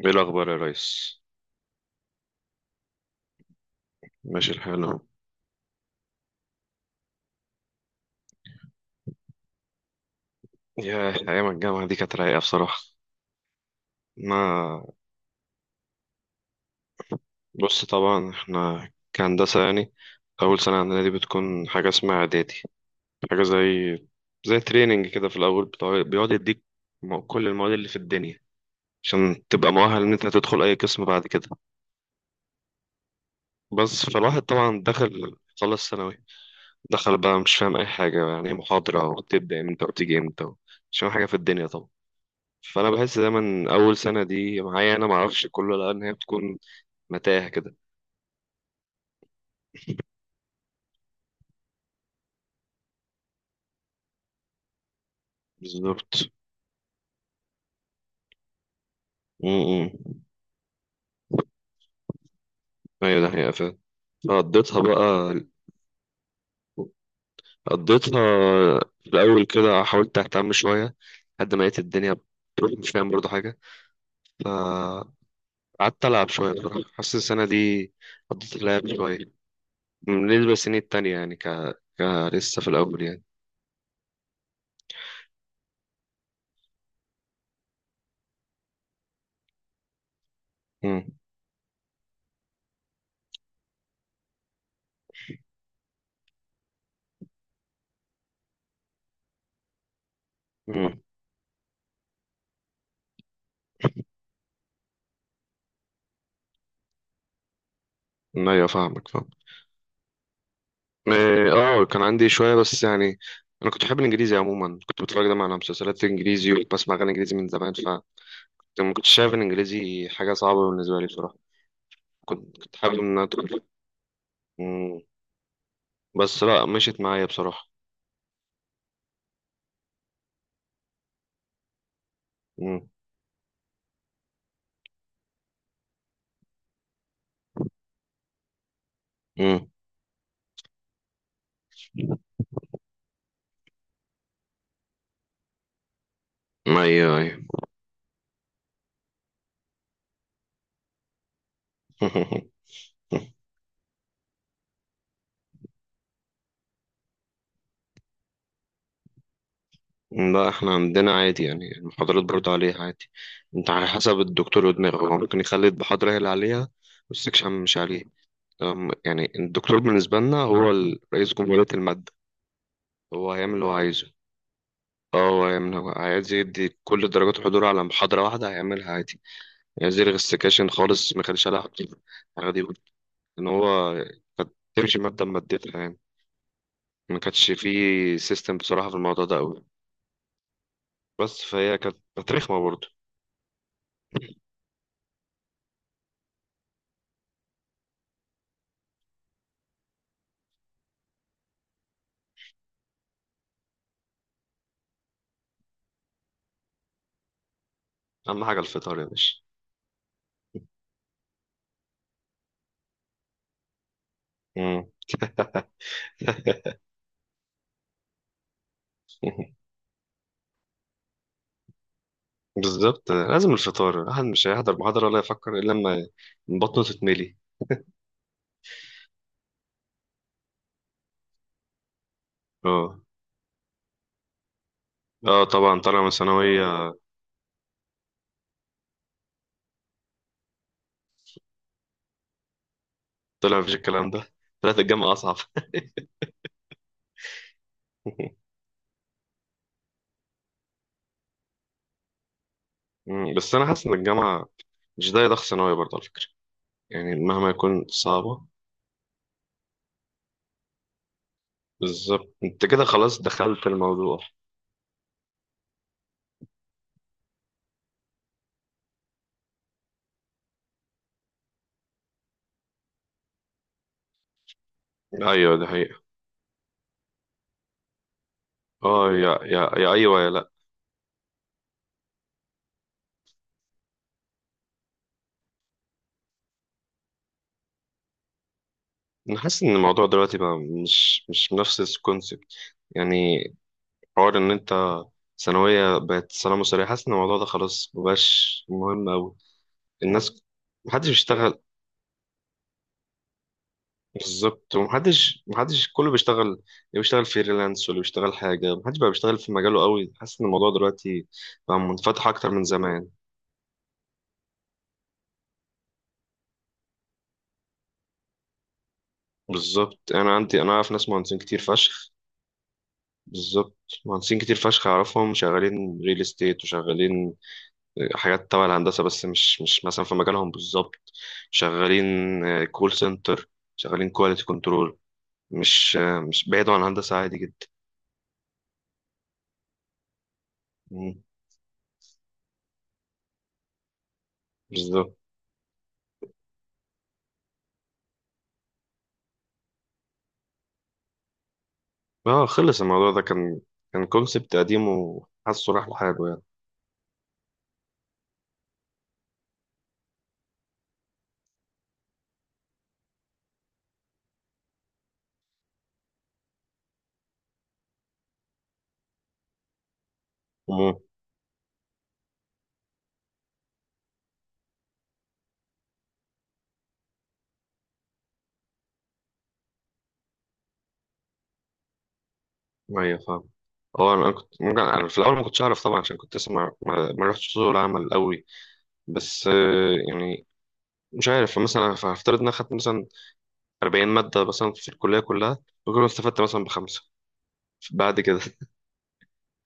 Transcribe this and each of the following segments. ايه الاخبار يا ريس؟ ماشي الحال اهو. يا ايام الجامعه دي كانت رايقه بصراحه. ما بص، طبعا احنا كهندسه يعني اول سنه عندنا دي بتكون حاجه اسمها اعدادي. حاجه زي تريننج كده في الاول، بتاع بيقعد يديك كل المواد اللي في الدنيا عشان تبقى مؤهل ان انت تدخل اي قسم بعد كده. بس فالواحد طبعا دخل، خلص ثانوي، دخل بقى مش فاهم اي حاجه، يعني محاضره وتبدا امتى وتيجي امتى، مش فاهم حاجه في الدنيا. فانا بحس دايما اول سنه دي معايا انا ما اعرفش كله، لان هي بتكون متاهه كده. بالظبط. امم ايوه، ده حقيقه فعلا. قضيتها بقى، قضيتها في الاول كده، حاولت اهتم شويه لحد ما لقيت الدنيا بتروح مش فاهم برضه حاجه. فقعدت العب شويه بصراحه، حاسس السنه دي قضيت اللعب شويه. بالنسبه للسنين التانية يعني ك... ك لسه في الاول يعني. امم امم ايوه، فاهمك، فاهم. اه، كان عندي شوية بس يعني. انا كنت بحب الانجليزي عموما، كنت بتفرج دايما على مسلسلات انجليزي وبسمع اغاني انجليزي من زمان، فما كنتش شايف الانجليزي حاجة صعبة بالنسبة لي بصراحة. كنت حابب ان انا ادخل. مم. بس لا، مشيت معايا بصراحة. مم. مم. ايوه، ايوه. لا، احنا عندنا عادي يعني، المحاضرات برضه عليها عادي. انت على حسب الدكتور ودماغه، هو ممكن يخلي المحاضرة هي اللي عليها والسكشن مش عليه. يعني الدكتور بالنسبة لنا هو رئيس جمهورية المادة، هو هيعمل اللي هو عايزه. اه، هو عايز يدي كل درجات الحضور على محاضرة واحدة، هيعملها عادي. عايز يلغي السكاشن خالص، ما كانش عليها حضور، عادي يقول ان هو كانت تمشي مادة بمادتها يعني. ما كانش فيه سيستم بصراحة في الموضوع ده قوي. بس فهي كانت رخمة برضه. أهم حاجة الفطار يا باشا. مم. بالظبط، لازم الفطار، الواحد مش هيحضر محاضرة ولا يفكر إلا لما بطنه تتملي. اه. اه طبعا، طالع من ثانوية، طلع مفيش الكلام ده، طلعت الجامعة أصعب. مم. بس أنا حاسس إن الجامعة مش ده ضغط ثانوي برضه على فكرة، يعني مهما يكون صعبة. بالظبط، انت كده خلاص دخلت الموضوع. ايوه، ده حقيقة. اه، يا يا يا ايوه يا لا، انا حاسس ان الموضوع دلوقتي بقى مش نفس الكونسبت، يعني حوار ان انت ثانوية بقت سلام وسريع، حاسس ان الموضوع ده خلاص مبقاش مهم أوي. الناس محدش بيشتغل. بالظبط، ومحدش كله بيشتغل، اللي بيشتغل فريلانس واللي بيشتغل حاجة، محدش بقى بيشتغل في مجاله قوي. حاسس ان الموضوع دلوقتي بقى منفتح أكتر من زمان. بالظبط، انا عندي، انا اعرف ناس مهندسين كتير فشخ. بالظبط، مهندسين كتير فشخ اعرفهم شغالين ريل استيت، وشغالين حاجات تبع الهندسه بس مش مثلا في مجالهم بالظبط. شغالين كول سنتر، شغالين كواليتي كنترول، مش بعيد عن الهندسه، عادي جدا. مم، بالظبط. اه، خلص الموضوع ده كان كان كونسبت قديم وحاسه راح لحاله يعني. مم، ايوه فاهم. اه، انا كنت ممكن، انا في الاول ما كنتش اعرف طبعا عشان كنت اسمع، ما رحتش سوق العمل قوي. بس يعني مش عارف، مثلا هفترض ان انا خدت مثلا 40 ماده مثلا في الكليه كلها، وكل ما استفدت مثلا بخمسه، بعد كده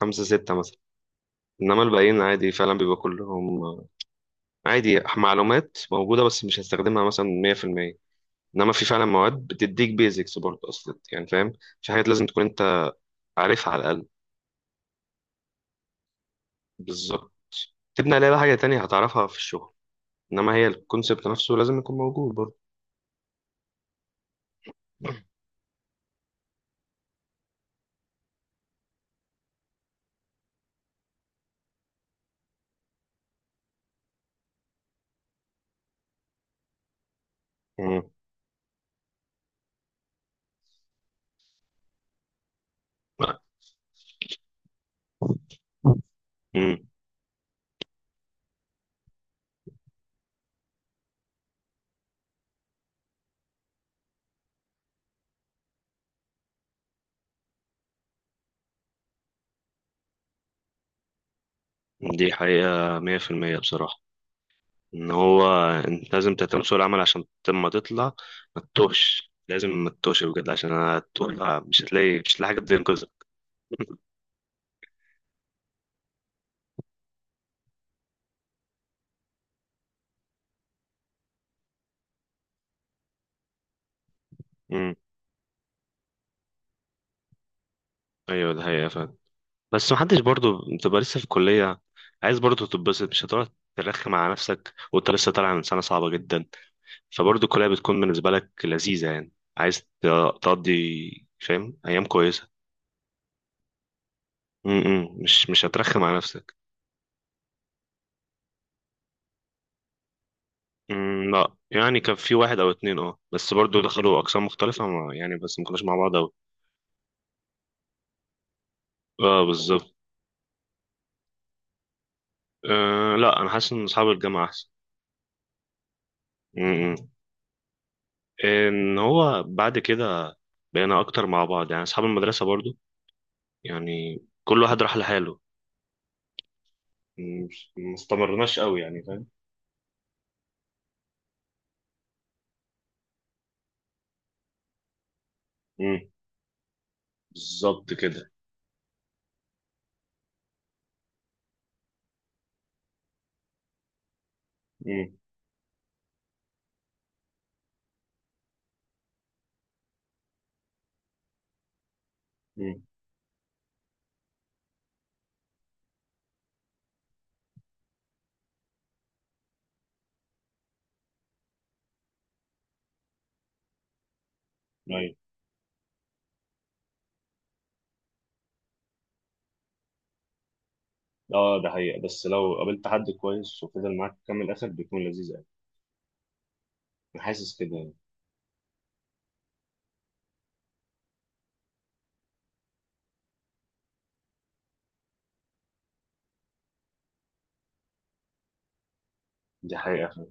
خمسه سته مثلا. انما الباقيين عادي، فعلا بيبقى كلهم عادي معلومات موجوده بس مش هستخدمها مثلا 100%. انما في فعلا مواد بتديك بيزكس برضه اصلا، يعني فاهم، في حاجات لازم تكون انت عارفها على الاقل. بالظبط، تبني عليها بقى حاجه تانية هتعرفها في الشغل، انما هي الكونسيبت نفسه لازم يكون موجود برضه. مم. مم. دي حقيقة مية في المية بصراحة، ان هو انت لازم تهتم بسوق العمل عشان لما تطلع ما تتوهش، لازم ما تتوهش بجد عشان هتطلع مش هتلاقي، مش هتلاقي حاجه تنقذك. امم ايوه، ده حقيقة فعلا. بس محدش برضو، بتبقى لسه في الكلية عايز برضو تتبسط، مش هتقعد ترخم على نفسك وانت لسه طالع من سنة صعبة جدا. فبرضو الكلية بتكون بالنسبة لك لذيذة، يعني عايز تقضي، فاهم، أيام كويسة. م -م. مش هترخم على نفسك. مم، لا يعني، كان في واحد او اتنين، اه، بس برضو دخلوا اقسام مختلفه، ما يعني بس ما كناش مع بعض اوي. اه بالظبط، آه لا، انا حاسس ان اصحاب الجامعه احسن. مم. ان هو بعد كده بقينا اكتر مع بعض يعني، اصحاب المدرسه برضو يعني كل واحد راح لحاله. مم، ما استمرناش قوي يعني، فاهم. مم، بالظبط كده. مم، مم، ايوه. اه ده حقيقة، بس لو قابلت حد كويس وفضل معاك كام الاخر، بيكون لذيذ قوي. انا حاسس كده يعني. دي حقيقة.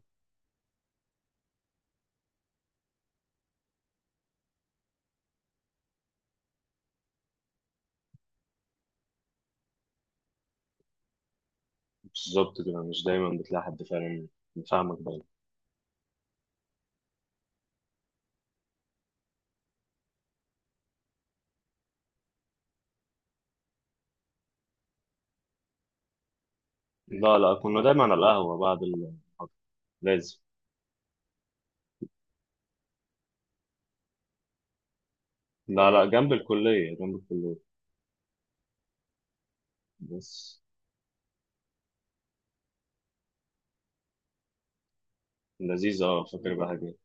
بالظبط كده، مش دايما بتلاقي حد فعلا. فاهمك بقى. لا لا، كنا دايما على القهوة بعد المحاضرة، لازم. لا لا، جنب الكلية، جنب الكلية بس. لذيذة، اه، فاكر بقى حاجات.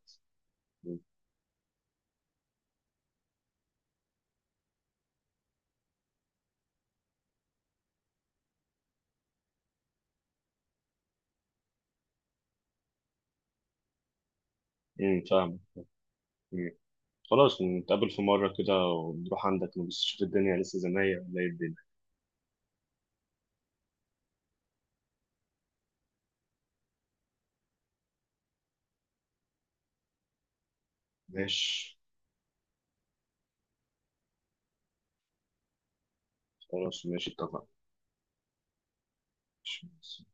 امم، فاهم. مم. خلاص، نتقابل في مرة كده ونروح عندك، نبص نشوف الدنيا لسه زي ما هي ولا ايه الدنيا. ماشي. خلاص ماشي، اتفقنا. ماشي.